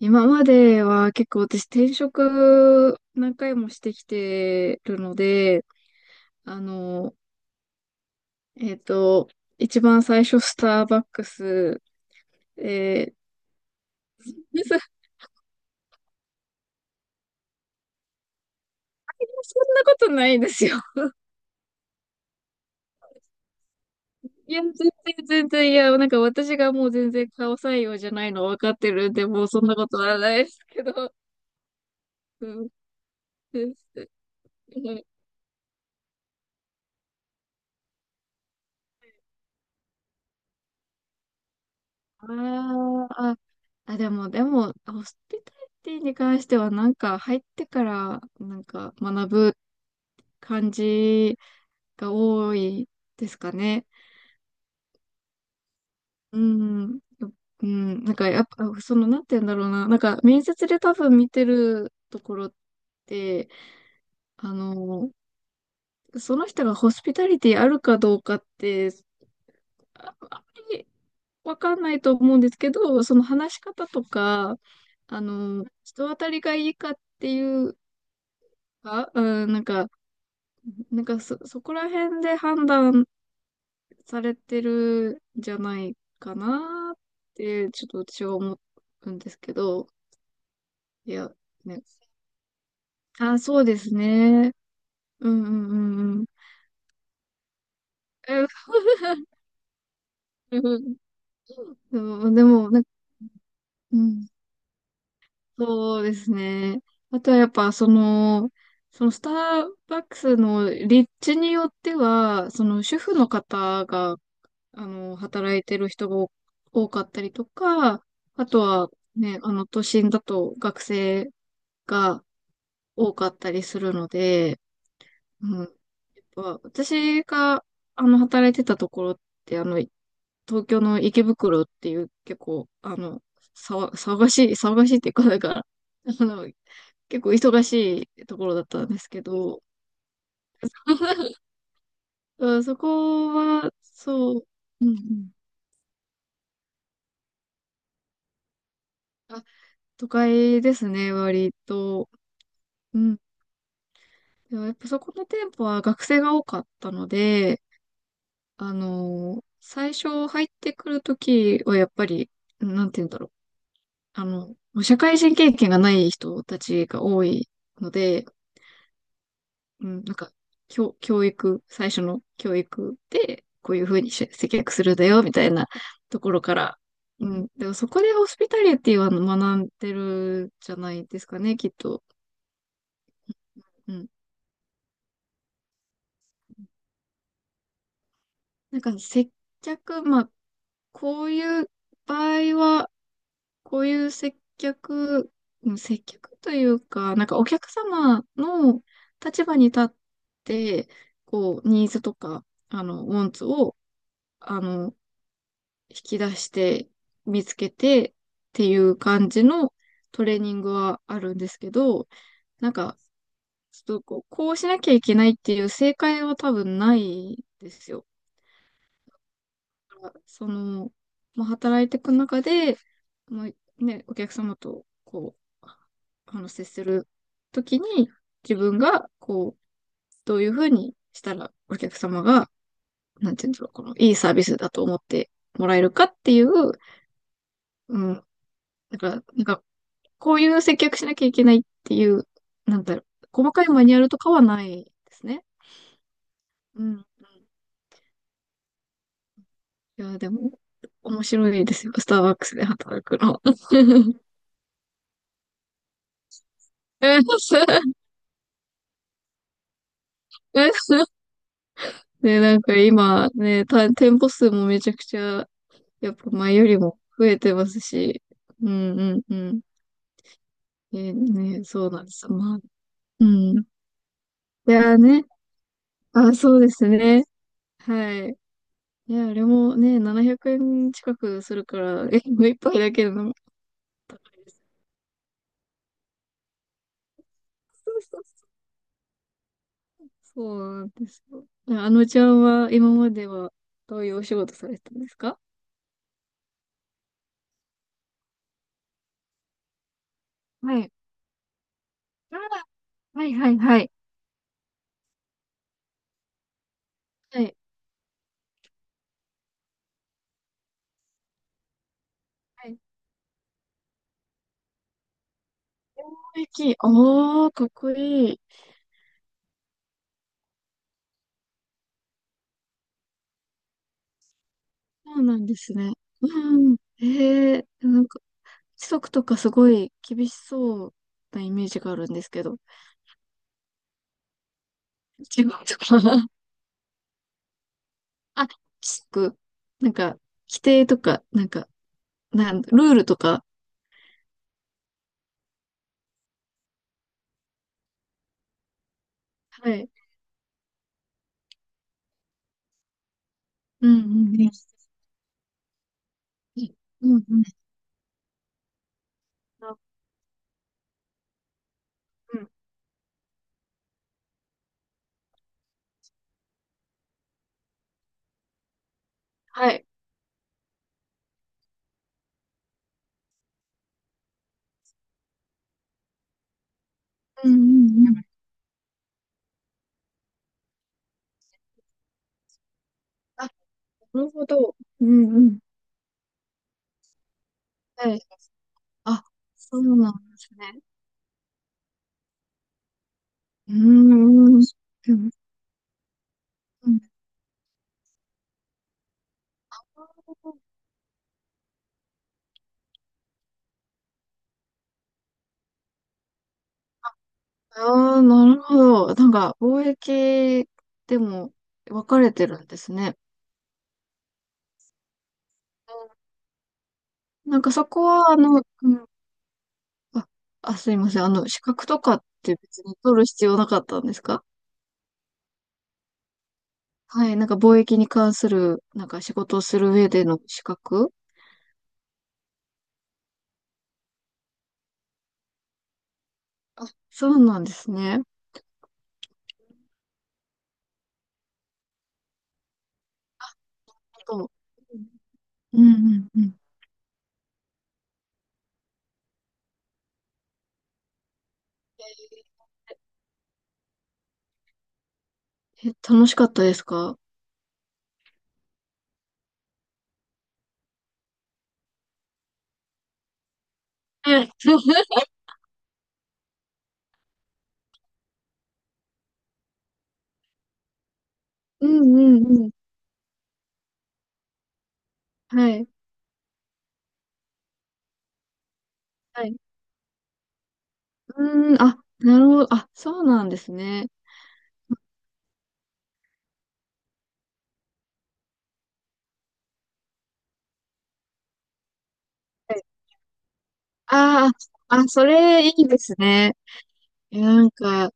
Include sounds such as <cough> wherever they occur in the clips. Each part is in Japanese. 今までは結構私転職何回もしてきてるので、あの、えっと、一番最初スターバックス、えそんなことないですよ。いや、全然全然、いや、なんか私がもう全然顔採用じゃないの分かってるんで、もうそんなことはないですけど。うん、です。ああ、あ、でも、ホスピタリティに関しては、なんか入ってから、なんか学ぶ感じが多いですかね。うん。うん。なんか、やっぱ、その、なんて言うんだろうな。なんか、面接で多分見てるところって、あの、その人がホスピタリティあるかどうかって、あんまりわかんないと思うんですけど、その話し方とか、人当たりがいいかっていうか、うん、なんかそこら辺で判断されてるんじゃないかなって、ちょっと私は思うんですけど、いや、ね。あ、そうですね。うんうんうんうん。え <laughs> うんそうでも、なんか、うん、そうですね。あとはやっぱ、その、そのスターバックスの立地によっては、その主婦の方が働いてる人が多かったりとか、あとはね、都心だと学生が多かったりするので、うん。やっぱ、私が、働いてたところって、東京の池袋っていう結構、騒がしいっていうか、だから、あの、結構忙しいところだったんですけど、<laughs> うんそこは、そう、うんうん。あ、都会ですね、割と。うん。でもやっぱそこの店舗は学生が多かったので、最初入ってくるときはやっぱり、なんて言うんだろう。あの、社会人経験がない人たちが多いので、うん、なんか、教、教育、最初の教育で、こういうふうにし接客するんだよ、みたいなところから。うん。でもそこでホスピタリティは学んでるじゃないですかね、きっと。うん。なんか接客、まあ、こういう場合は、こういう接客、うん接客というか、なんかお客様の立場に立って、こう、ニーズとか、ウォンツを、あの、引き出して見つけてっていう感じのトレーニングはあるんですけど、なんか、ちょっとこう、こうしなきゃいけないっていう正解は多分ないですよ。その、まあ、働いていく中で、まあね、お客様とこう、接するときに、自分がこう、どういうふうにしたらお客様が、なんていうんだろう、この、いいサービスだと思ってもらえるかっていう、うん、なんか、こういう接客しなきゃいけないっていう、なんだろう、細かいマニュアルとかはないですね。うん。うんいや、でも、面白いですよ、スターバックスで働くの。<laughs> うん <laughs> え、ね、なんか今ね、店舗数もめちゃくちゃ、やっぱ前よりも増えてますし、うんうんうん。え、ね、そうなんです。まあ、うん。いやーね、あ、そうですね。はい。いや、あれもね、700円近くするから、<laughs> え、もう一杯だけでも高いです。そうそうそう。そうなんですよ。あのちゃんは今まではどういうお仕事されてたんですか？はい。あらはいはいはい。はい。雰囲気、おー、かっこいい。そうなんですね。うん。ええなんか、規則とかすごい厳しそうなイメージがあるんですけど。違うのかな？ <laughs> あ、規則なんか、規定とか、なんか、ルールとか。はい。うんうんうん。うんうん。あうん。はい。うんうんうん。あ、なるほど。うんうん。はい。あ、そうなんですね。うんうんうん。うんうんああ、なるほど。なんか、貿易でも分かれてるんですね。なんかそこは、うん、あ、あ、すいません。資格とかって別に取る必要なかったんですか？はい。なんか貿易に関する、なんか仕事をする上での資格そうなんですね。そううんうんうん。え、楽しかったですか？はい。<laughs> うんうんうん。はい。はい。うん、あ、なるほど。あ、そうなんですね。ああ、あ、それいいですね。いやなんか、うん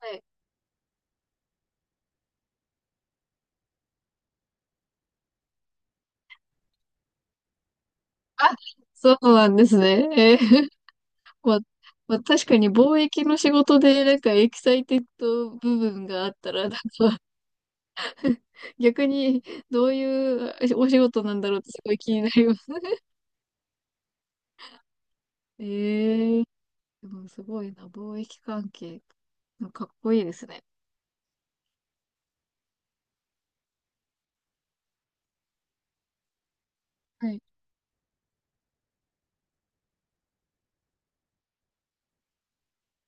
はい。あ、そうなんですね。<laughs> まあ、まあ、確かに貿易の仕事で、なんかエキサイテッド部分があったら、なんか逆にどういうお仕事なんだろうってすごい気になりますね。ええでもすごいな、貿易関係。かっこいいですね。はい。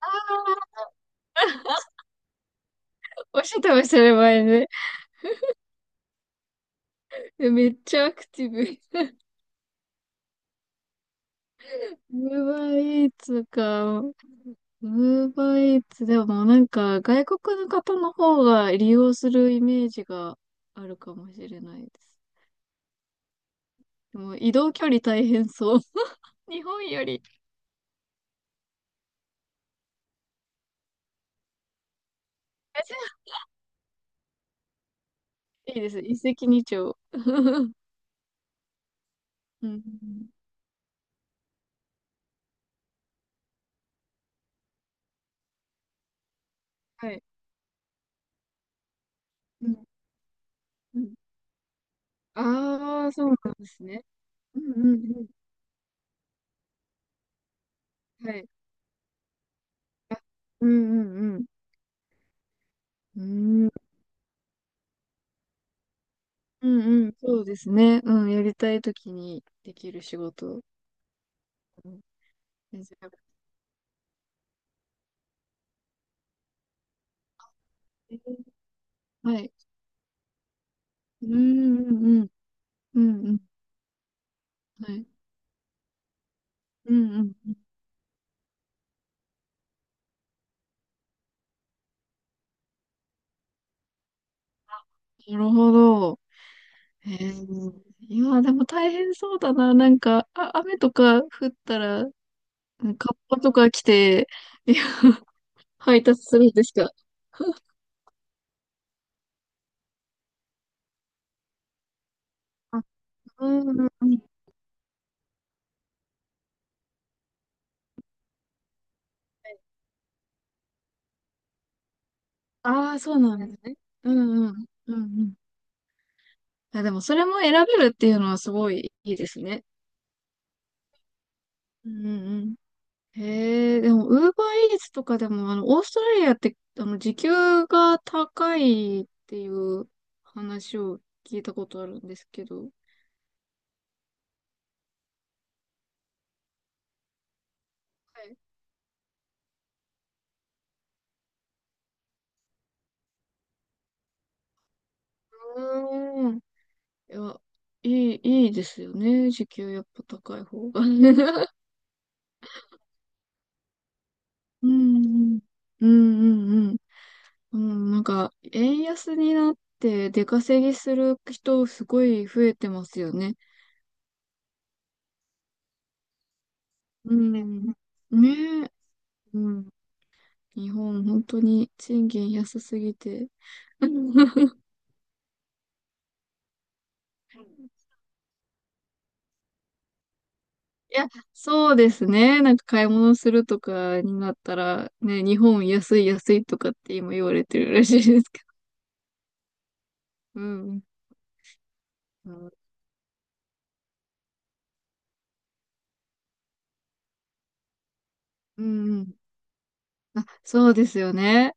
ああ、おっしゃってましたね、前ね。めっちゃアクティブ。ウーバーイーツか。ウーバーイーツ、でもなんか外国の方の方が利用するイメージがあるかもしれないです。でも移動距離大変そう。<laughs> 日本より、<laughs> じゃあいいです。一石二鳥。うんうんうん。はい。うんうん。ああ、そうなんですね。うんうんうん。はい。あ、うんうんうん。うん。うんうん。そうですね。うん。やりたいときにできる仕事。うん。全然はい。うんうんうん。うんうん。はい。うんうんうん。なるほど。へえ。いや、でも大変そうだな。なんか、あ、雨とか降ったら、うんカッパとか来て、<laughs> いや、配達するんですか？あ、うんうんうん。ああ、そうなんですね。うんうん。うんうん。あ、でもそれも選べるっていうのはすごいいいですね。うんうんうん。へえ、でも、ウーバーイーツとかでも、オーストラリアって、時給が高いっていう話を聞いたことあるんですけど。はい。うーん。いや、いい、いいですよね。時給やっぱ高い方が。<laughs> うん、うん、うん、うん、うん。うんなんか、円安になって出稼ぎする人すごい増えてますよね。うん。ねえ。うん。日本、本当に賃金安すぎて。<laughs> いや、そうですね。なんか買い物するとかになったら、ね、日本安い安いとかって今言われてるらしいですけど。うん。うん。うんうんあ、そうですよね。